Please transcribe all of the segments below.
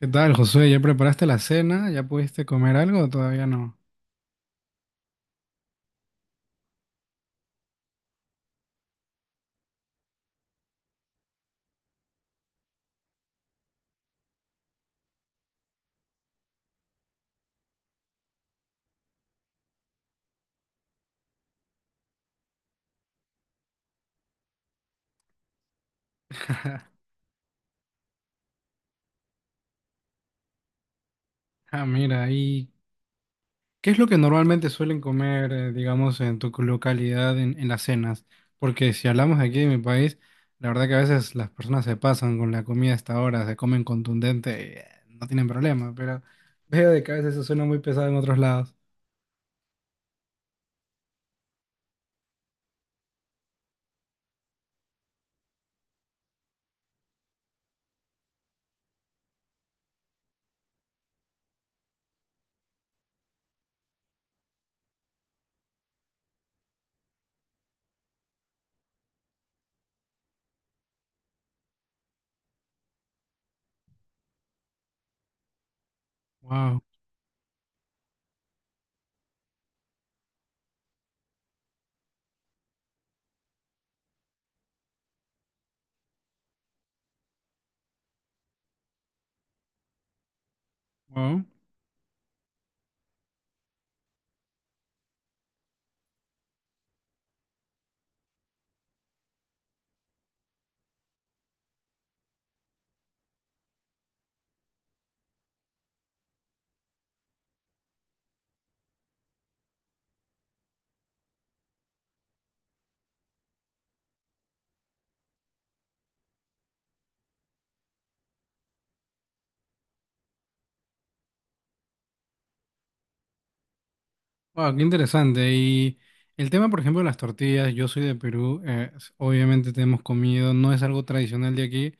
¿Qué tal, Josué? ¿Ya preparaste la cena? ¿Ya pudiste comer algo o todavía no? Ah, mira, ¿y qué es lo que normalmente suelen comer, digamos, en tu localidad en las cenas? Porque si hablamos aquí de mi país, la verdad que a veces las personas se pasan con la comida hasta ahora, se comen contundente y no tienen problema, pero veo de que a veces eso suena muy pesado en otros lados. Wow, wow, wow, qué interesante. Y el tema, por ejemplo, de las tortillas, yo soy de Perú, obviamente te hemos comido, no es algo tradicional de aquí.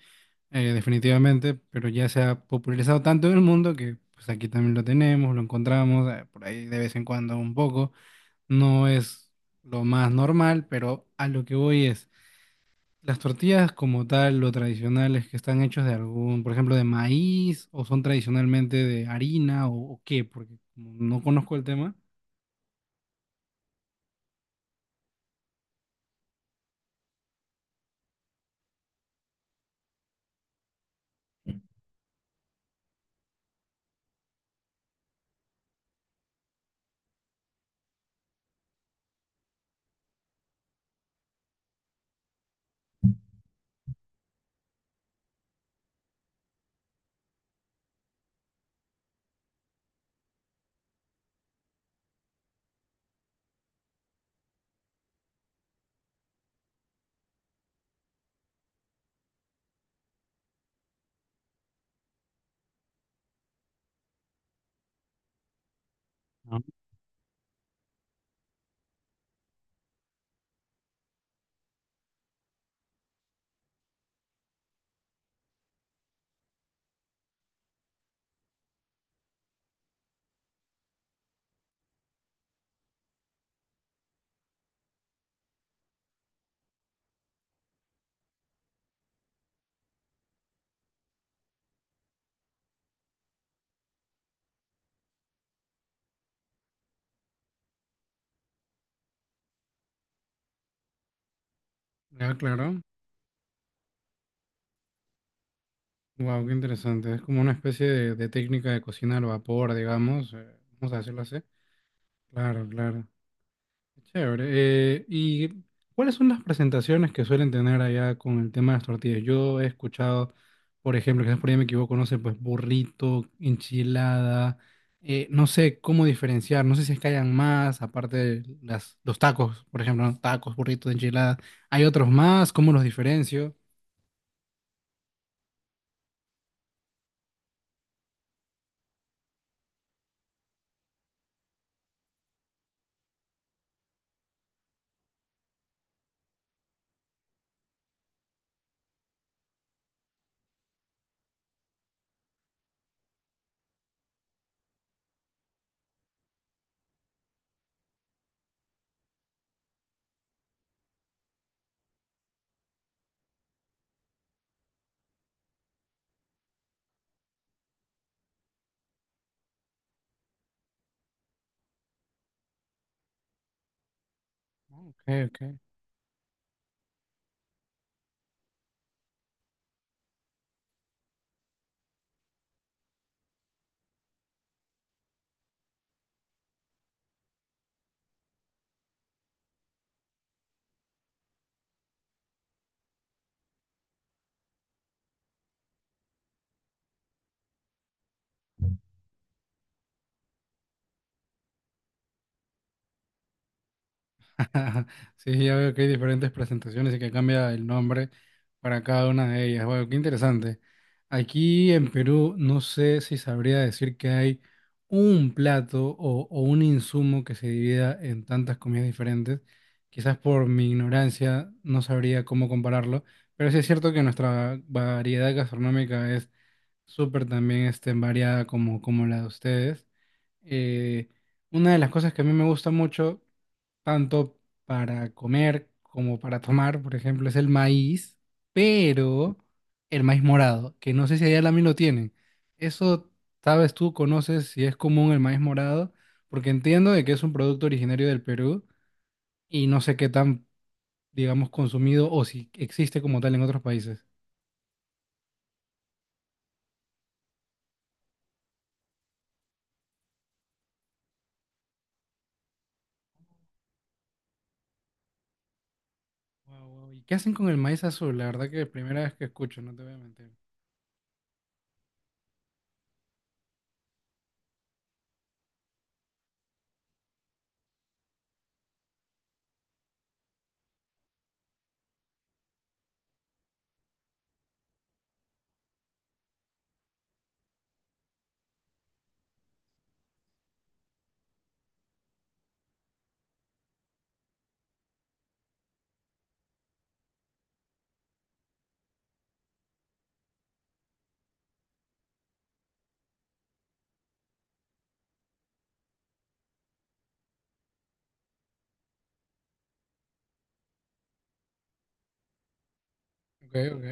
Definitivamente, pero ya se ha popularizado tanto en el mundo que pues aquí también lo tenemos, lo encontramos por ahí de vez en cuando un poco. No es lo más normal, pero a lo que voy es, las tortillas como tal, lo tradicionales que están hechos de algún, por ejemplo, de maíz o son tradicionalmente de harina o qué, porque como no conozco el tema. Ah, ya, claro. Wow, qué interesante. Es como una especie de técnica de cocina al vapor, digamos. Vamos a decirlo así. Claro, claro. Chévere. ¿Y cuáles son las presentaciones que suelen tener allá con el tema de las tortillas? Yo he escuchado, por ejemplo, quizás por ahí me equivoco, no sé, pues burrito, enchilada, no sé cómo diferenciar, no sé si es que hayan más, aparte de las, los tacos, por ejemplo, ¿no? Tacos, burritos, enchiladas. ¿Hay otros más? ¿Cómo los diferencio? Ok, ok. Ajá. Sí, ya veo que hay diferentes presentaciones y que cambia el nombre para cada una de ellas. Bueno, qué interesante. Aquí en Perú no sé si sabría decir que hay un plato o un insumo que se divida en tantas comidas diferentes. Quizás por mi ignorancia no sabría cómo compararlo, pero sí es cierto que nuestra variedad gastronómica es súper también variada como, como la de ustedes. Eh, una de las cosas que a mí me gusta mucho tanto para comer como para tomar, por ejemplo, es el maíz, pero el maíz morado, que no sé si allá también lo tienen. Eso, sabes tú, conoces si es común el maíz morado, porque entiendo de que es un producto originario del Perú y no sé qué tan, digamos, consumido o si existe como tal en otros países. Guau, guau. ¿Y qué hacen con el maíz azul? La verdad que es la primera vez que escucho, no te voy a mentir. Ok, ok.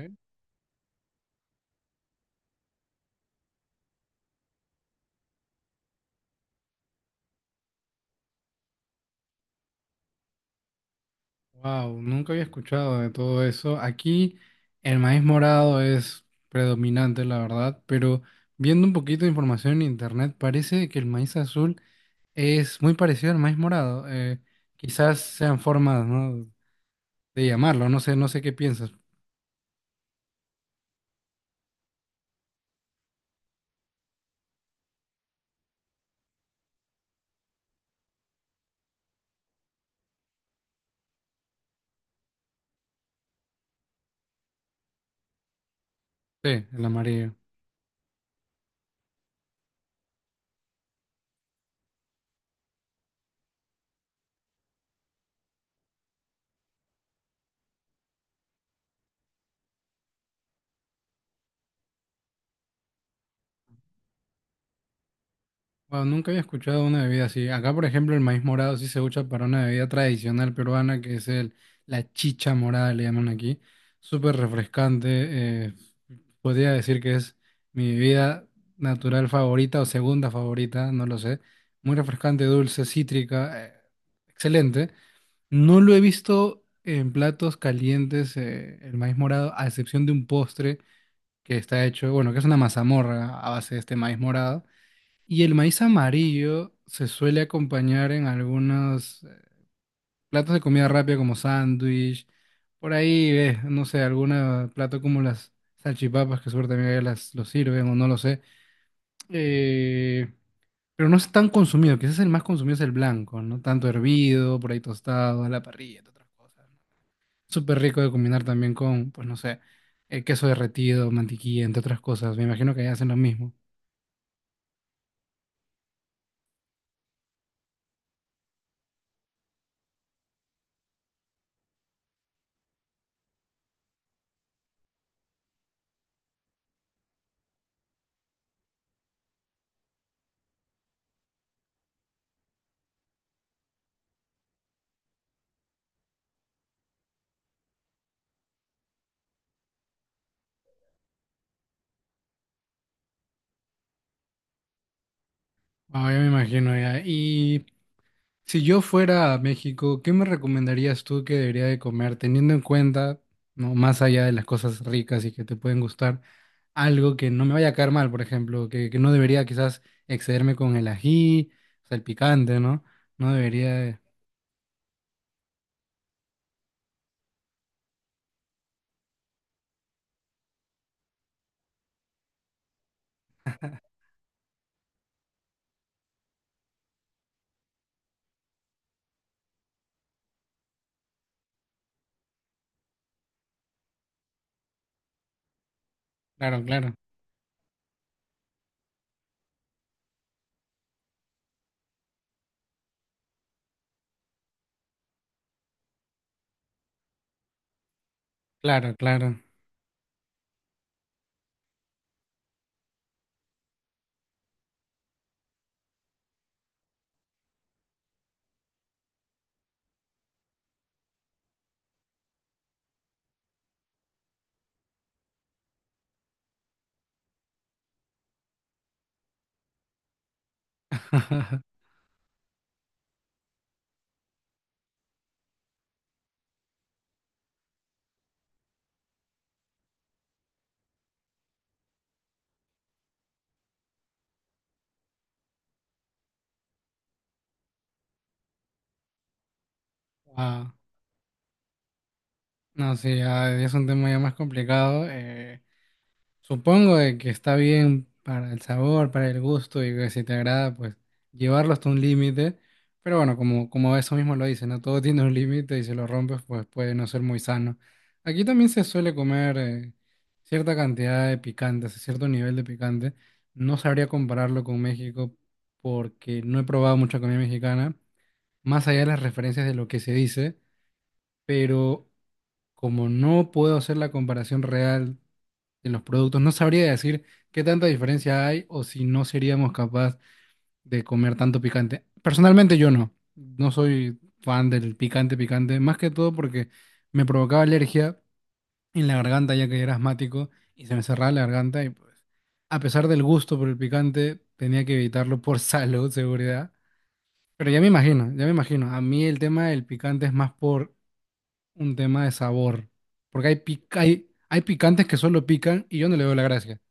Wow, nunca había escuchado de todo eso. Aquí el maíz morado es predominante, la verdad, pero viendo un poquito de información en internet, parece que el maíz azul es muy parecido al maíz morado. Quizás sean formas, ¿no? de llamarlo, no sé, no sé qué piensas. Sí, el amarillo. Wow, nunca había escuchado una bebida así. Acá, por ejemplo, el maíz morado sí se usa para una bebida tradicional peruana que es el, la chicha morada, le llaman aquí. Súper refrescante. eh, podría decir que es mi bebida natural favorita o segunda favorita, no lo sé. Muy refrescante, dulce, cítrica. Excelente. No lo he visto en platos calientes, el maíz morado, a excepción de un postre que está hecho, bueno, que es una mazamorra a base de este maíz morado y el maíz amarillo se suele acompañar en algunos platos de comida rápida como sándwich, por ahí, no sé, algún plato como las salchipapas, que seguro también allá las lo sirven o no lo sé. Eh, pero no es tan consumido, quizás el más consumido es el blanco, ¿no? Tanto hervido, por ahí tostado, a la parrilla, entre otras cosas. ¿No? Súper rico de combinar también con, pues no sé, queso derretido, mantequilla, entre otras cosas. Me imagino que allá hacen lo mismo. Ah, ya me imagino ya. Y si yo fuera a México, ¿qué me recomendarías tú que debería de comer, teniendo en cuenta, no, más allá de las cosas ricas y que te pueden gustar, algo que no me vaya a caer mal, por ejemplo, que no debería quizás excederme con el ají, o sea, el picante, ¿no? No debería de- claro, claro, claro, claro. ah, no, sí, ah, es un tema ya más complicado. Supongo de que está bien para el sabor, para el gusto y que si te agrada, pues llevarlo hasta un límite. Pero bueno, como, como eso mismo lo dice, ¿no? Todo tiene un límite y si lo rompes, pues puede no ser muy sano. Aquí también se suele comer cierta cantidad de picante, o sea, cierto nivel de picante. No sabría compararlo con México porque no he probado mucha comida mexicana, más allá de las referencias de lo que se dice, pero como no puedo hacer la comparación real en los productos. No sabría decir qué tanta diferencia hay o si no seríamos capaz de comer tanto picante. Personalmente yo no. No soy fan del picante picante, más que todo porque me provocaba alergia en la garganta ya que era asmático y se me cerraba la garganta y pues a pesar del gusto por el picante tenía que evitarlo por salud, seguridad. Pero ya me imagino, ya me imagino. A mí el tema del picante es más por un tema de sabor. Porque hay, pic- hay picantes que solo pican y yo no le veo la gracia.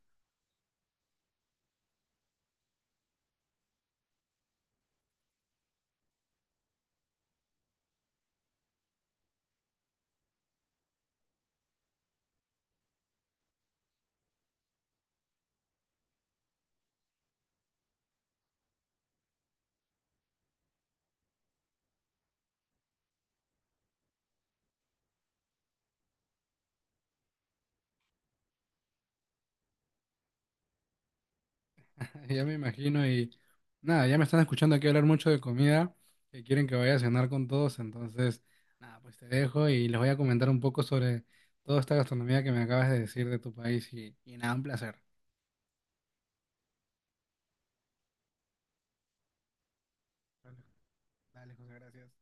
Ya me imagino y nada, ya me están escuchando aquí hablar mucho de comida, que quieren que vaya a cenar con todos, entonces nada, pues te dejo y les voy a comentar un poco sobre toda esta gastronomía que me acabas de decir de tu país y nada, un placer. Vale. Dale, José, gracias.